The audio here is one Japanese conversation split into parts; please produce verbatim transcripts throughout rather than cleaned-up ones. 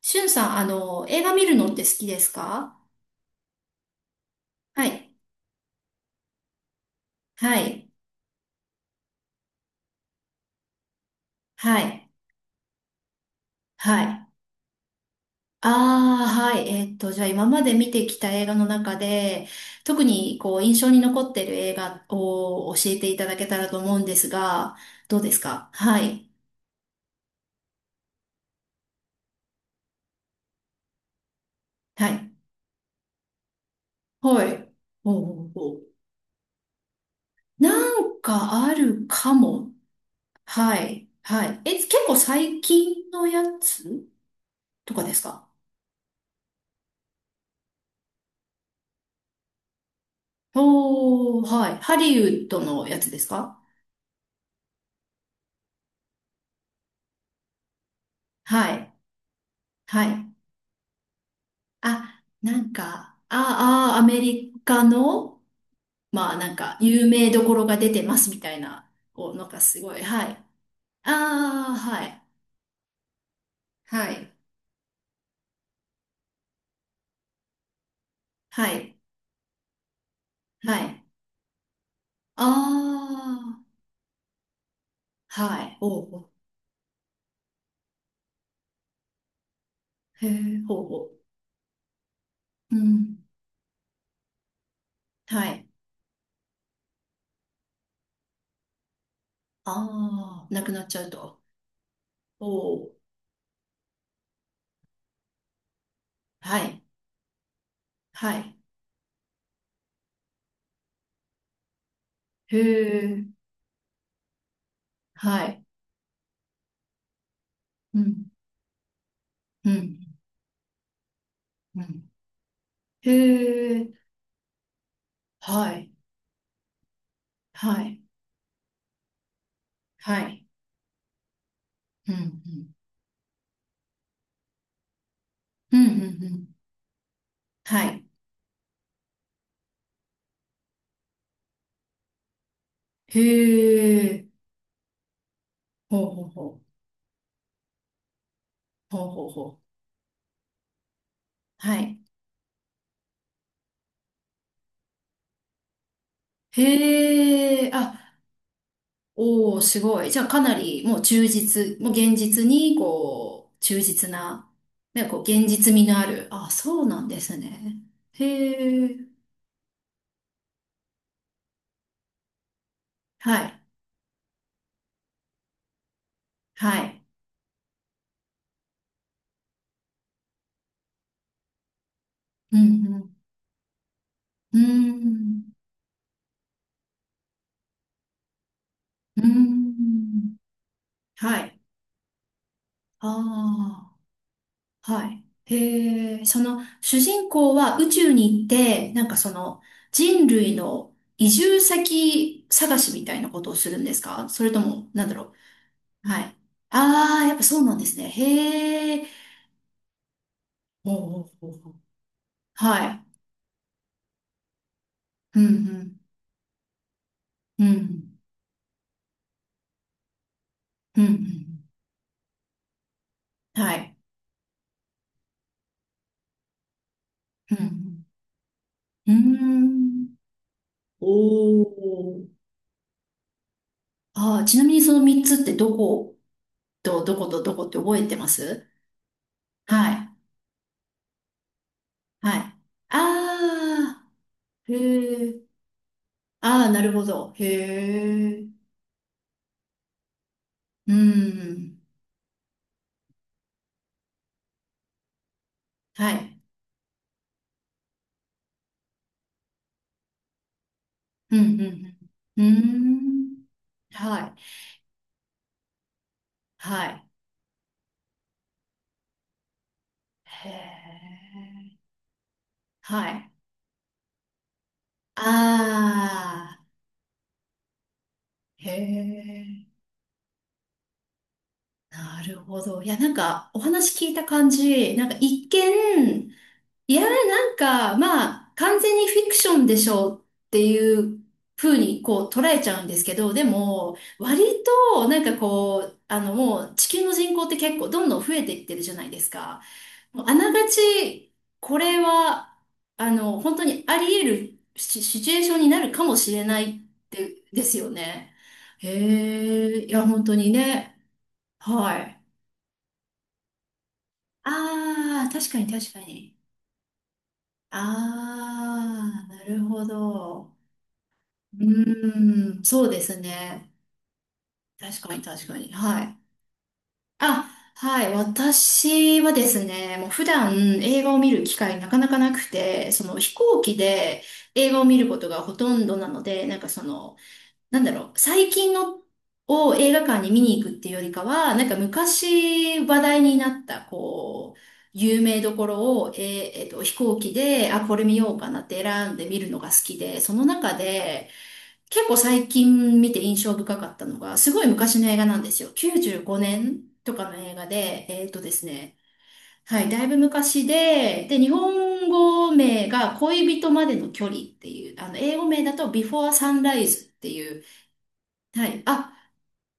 しゅんさん、あの、映画見るのって好きですか？はい。はい。はい。はい。ああ、はい。えーっと、じゃあ今まで見てきた映画の中で、特にこう印象に残ってる映画を教えていただけたらと思うんですが、どうですか？はい。はい。はい。おうおうおう。なんかあるかも。はい。はい。え、結構最近のやつとかですか？おー、はい。ハリウッドのやつですか？はい。はい。あ、なんか、ああ、アメリカの、まあなんか、有名どころが出てますみたいな、お、なんかすごい。はい。ああ、はい。はい。はい。はい。ああ、はい。おうおう。へえ、ほうほう。うん。はい。ああ、なくなっちゃうと。おお。はい。はい。へえ、はい。うん。うん。うん。へえ、はい。はい。はい。うん。うんうんうんうん。はい。へえ。ほうほうほう。ほうほうほう。はい。へえ。あ、おお、すごい。じゃあかなりもう忠実、もう現実に、こう、忠実な、ね、こう、現実味のある。あ、そうなんですね。へえ。はい。はい。うんうん。うーん。うーん。はい。ああ。はい。へえ、その主人公は宇宙に行って、なんかその人類の移住先探しみたいなことをするんですか？それとも、なんだろう。はい。ああ、やっぱそうなんですね。へえ。ほうほうほうほう。はい。うん、うん、うん、うん、うん。はい。うん、うん。うーん。おお。ああ、ちなみにそのみっつってどこと、どことどこって覚えてます？はい。はい。ああ。へえ。ああ、なるほど。へえ。うん。はい。うん、うん、うん。うーん。はい。はい。へえ。はい。ああ。へえ。なるほど。いや、なんか、お話聞いた感じ、なんか一見、いや、なんか、まあ、完全にフィクションでしょうっていう風に、こう、捉えちゃうんですけど、でも、割と、なんかこう、あの、もう、地球の人口って結構どんどん増えていってるじゃないですか。もう、あながち、これは、あの、本当にあり得るシシチュエーションになるかもしれないって、ですよね。へえ、いや、本当にね。はい。ああ、確かに確かに。ああ、なるほど。うーん、そうですね。確かに確かに。はい。あ、はい。私はですね、もう普段映画を見る機会なかなかなくて、その飛行機で映画を見ることがほとんどなので、なんかその、なんだろう、最近のを映画館に見に行くっていうよりかは、なんか昔話題になった、こう、有名どころを、えーえーと、飛行機で、あ、これ見ようかなって選んで見るのが好きで、その中で、結構最近見て印象深かったのが、すごい昔の映画なんですよ。きゅうじゅうごねんとかの映画で、えっとですね、はい、だいぶ昔で、で、日本語名が恋人までの距離っていう、あの、英語名だと Before Sunrise っていう、はい。あ、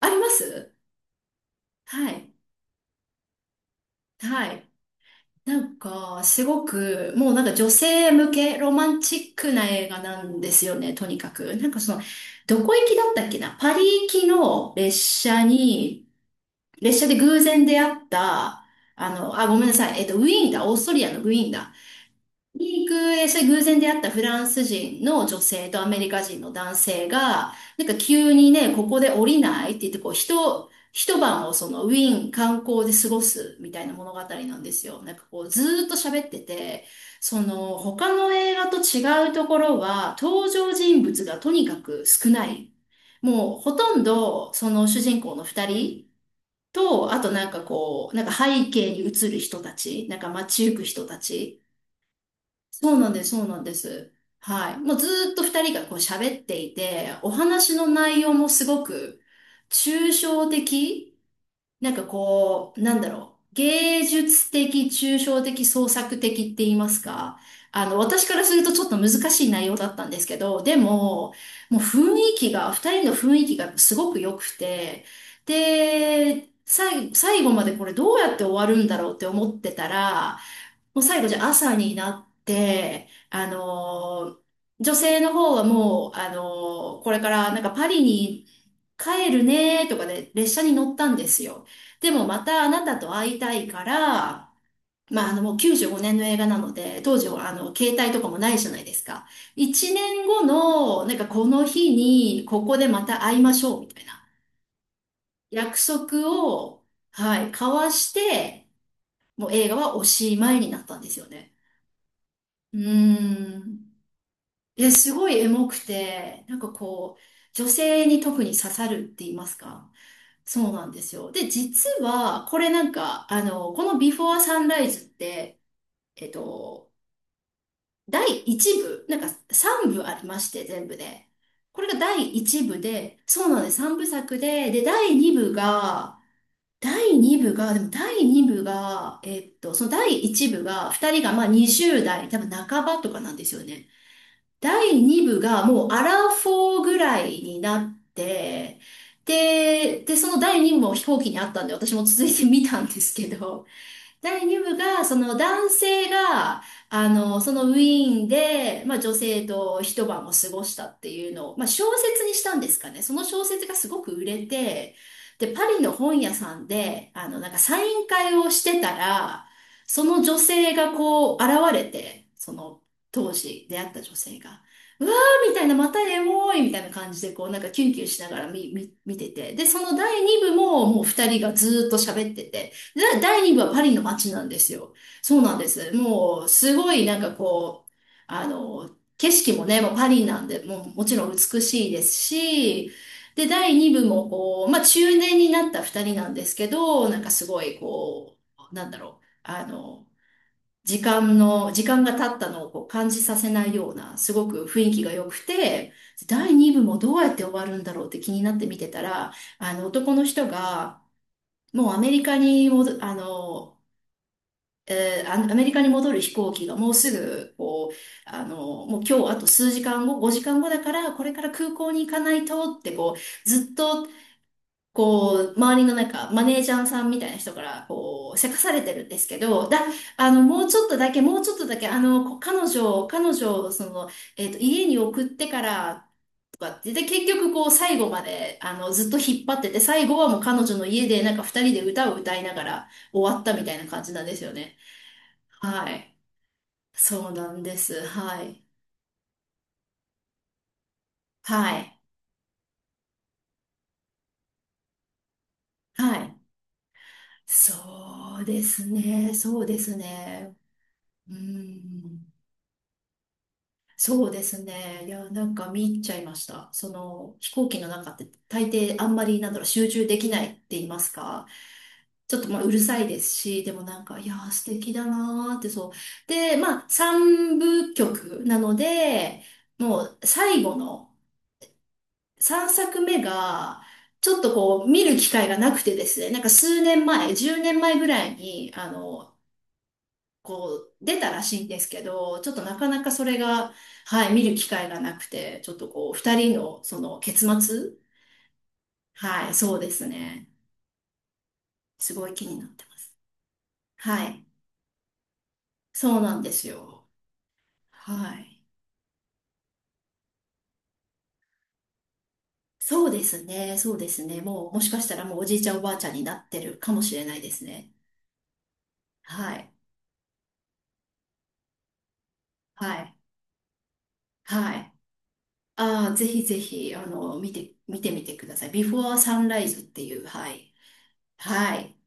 あります？はい。はい。なんか、すごく、もうなんか女性向けロマンチックな映画なんですよね、とにかく。なんかその、どこ行きだったっけな、パリ行きの列車に、列車で偶然出会った、あの、あ、ごめんなさい。えっと、ウィーンだ。オーストリアのウィーンだ。に行く、え、それ偶然出会ったフランス人の女性とアメリカ人の男性が、なんか急にね、ここで降りないって言って、こう、一、一晩をそのウィーン観光で過ごすみたいな物語なんですよ。なんかこう、ずーっと喋ってて、その、他の映画と違うところは、登場人物がとにかく少ない。もう、ほとんど、その主人公の二人と、あとなんかこう、なんか背景に映る人たち、なんか街行く人たち、そうなんです、そうなんです。はい。もうずーっと二人がこう喋っていて、お話の内容もすごく抽象的、なんかこう、なんだろう、芸術的、抽象的、創作的って言いますか。あの、私からするとちょっと難しい内容だったんですけど、でも、もう雰囲気が、二人の雰囲気がすごく良くて、で、最、最後までこれどうやって終わるんだろうって思ってたら、もう最後じゃあ朝になって、あのー女性の方はもう、あのーこれからなんかパリに帰るねとかで列車に乗ったんですよ。でもまたあなたと会いたいから、まあ、あのもうきゅうじゅうごねんの映画なので、当時はあの携帯とかもないじゃないですか。いちねんごのなんかこの日にここでまた会いましょうみたいな約束を、はい、交わして、もう映画はおしまいになったんですよね。うーん。え、すごいエモくて、なんかこう、女性に特に刺さるって言いますか。そうなんですよ。で、実は、これなんか、あの、このビフォーサンライズって、えっと、だいいち部、なんかさん部ありまして、全部で。これがだいいち部で、そうなんです。さんぶさくで、で、第2部が、だいに部が、でもだいに部が、えっと、そのだいいち部が、ふたりがまあにじゅう代、多分半ばとかなんですよね。だいに部がもうアラフォーぐらいになって、で、で、そのだいに部も飛行機にあったんで、私も続いて見たんですけど、だいに部が、その男性が、あの、そのウィーンで、まあ女性と一晩を過ごしたっていうのを、まあ小説にしたんですかね。その小説がすごく売れて、で、パリの本屋さんで、あの、なんかサイン会をしてたら、その女性がこう現れて、その当時出会った女性が、うわーみたいな、またエモいみたいな感じで、こうなんかキュンキュンしながら見、見、見てて。で、そのだいに部ももう二人がずーっと喋ってて、でだいに部はパリの街なんですよ。そうなんです。もう、すごいなんかこう、あの、景色もね、もうパリなんで、もうもちろん美しいですし、で、だいに部もこう、まあ中年になったふたりなんですけど、なんかすごいこう、なんだろう、あの、時間の、時間が経ったのをこう感じさせないような、すごく雰囲気が良くて、だいに部もどうやって終わるんだろうって気になって見てたら、あの、男の人が、もうアメリカにもど、あの、えーあアメリカに戻る飛行機がもうすぐ、こう、あの、もう今日あと数時間後、ごじかんごだから、これから空港に行かないとって、こう、ずっと、こう、周りのなんか、マネージャーさんみたいな人から、こう、せかされてるんですけど、だ、あの、もうちょっとだけ、もうちょっとだけ、あの、こ彼女を、彼女を、その、えっと、家に送ってから、とかってで、結局こう最後まであのずっと引っ張ってて、最後はもう彼女の家でなんか二人で歌を歌いながら終わったみたいな感じなんですよね。はい。そうなんです。はい。はい。はい。そうですね。そうですね。うん。そうですね。いや、なんか見入っちゃいました。その、飛行機の中って大抵あんまり、なんだろう、集中できないって言いますか。ちょっとまあうるさいですし、でもなんか、いやー素敵だなーってそう。で、まあ、三部曲なので、もう最後の、さんさくめが、ちょっとこう、見る機会がなくてですね、なんか数年前、じゅうねんまえぐらいに、あの、こう、出たらしいんですけど、ちょっとなかなかそれが、はい、見る機会がなくて、ちょっとこう、二人の、その、結末。はい、そうですね。すごい気になってます。はい、そうなんですよ。はい。そうですね、そうですね。もう、もしかしたらもうおじいちゃんおばあちゃんになってるかもしれないですね。はい、はい、はい。ああ、ぜひぜひ、あの、見て、見てみてください。ビフォーサンライズっていう、はい。はい。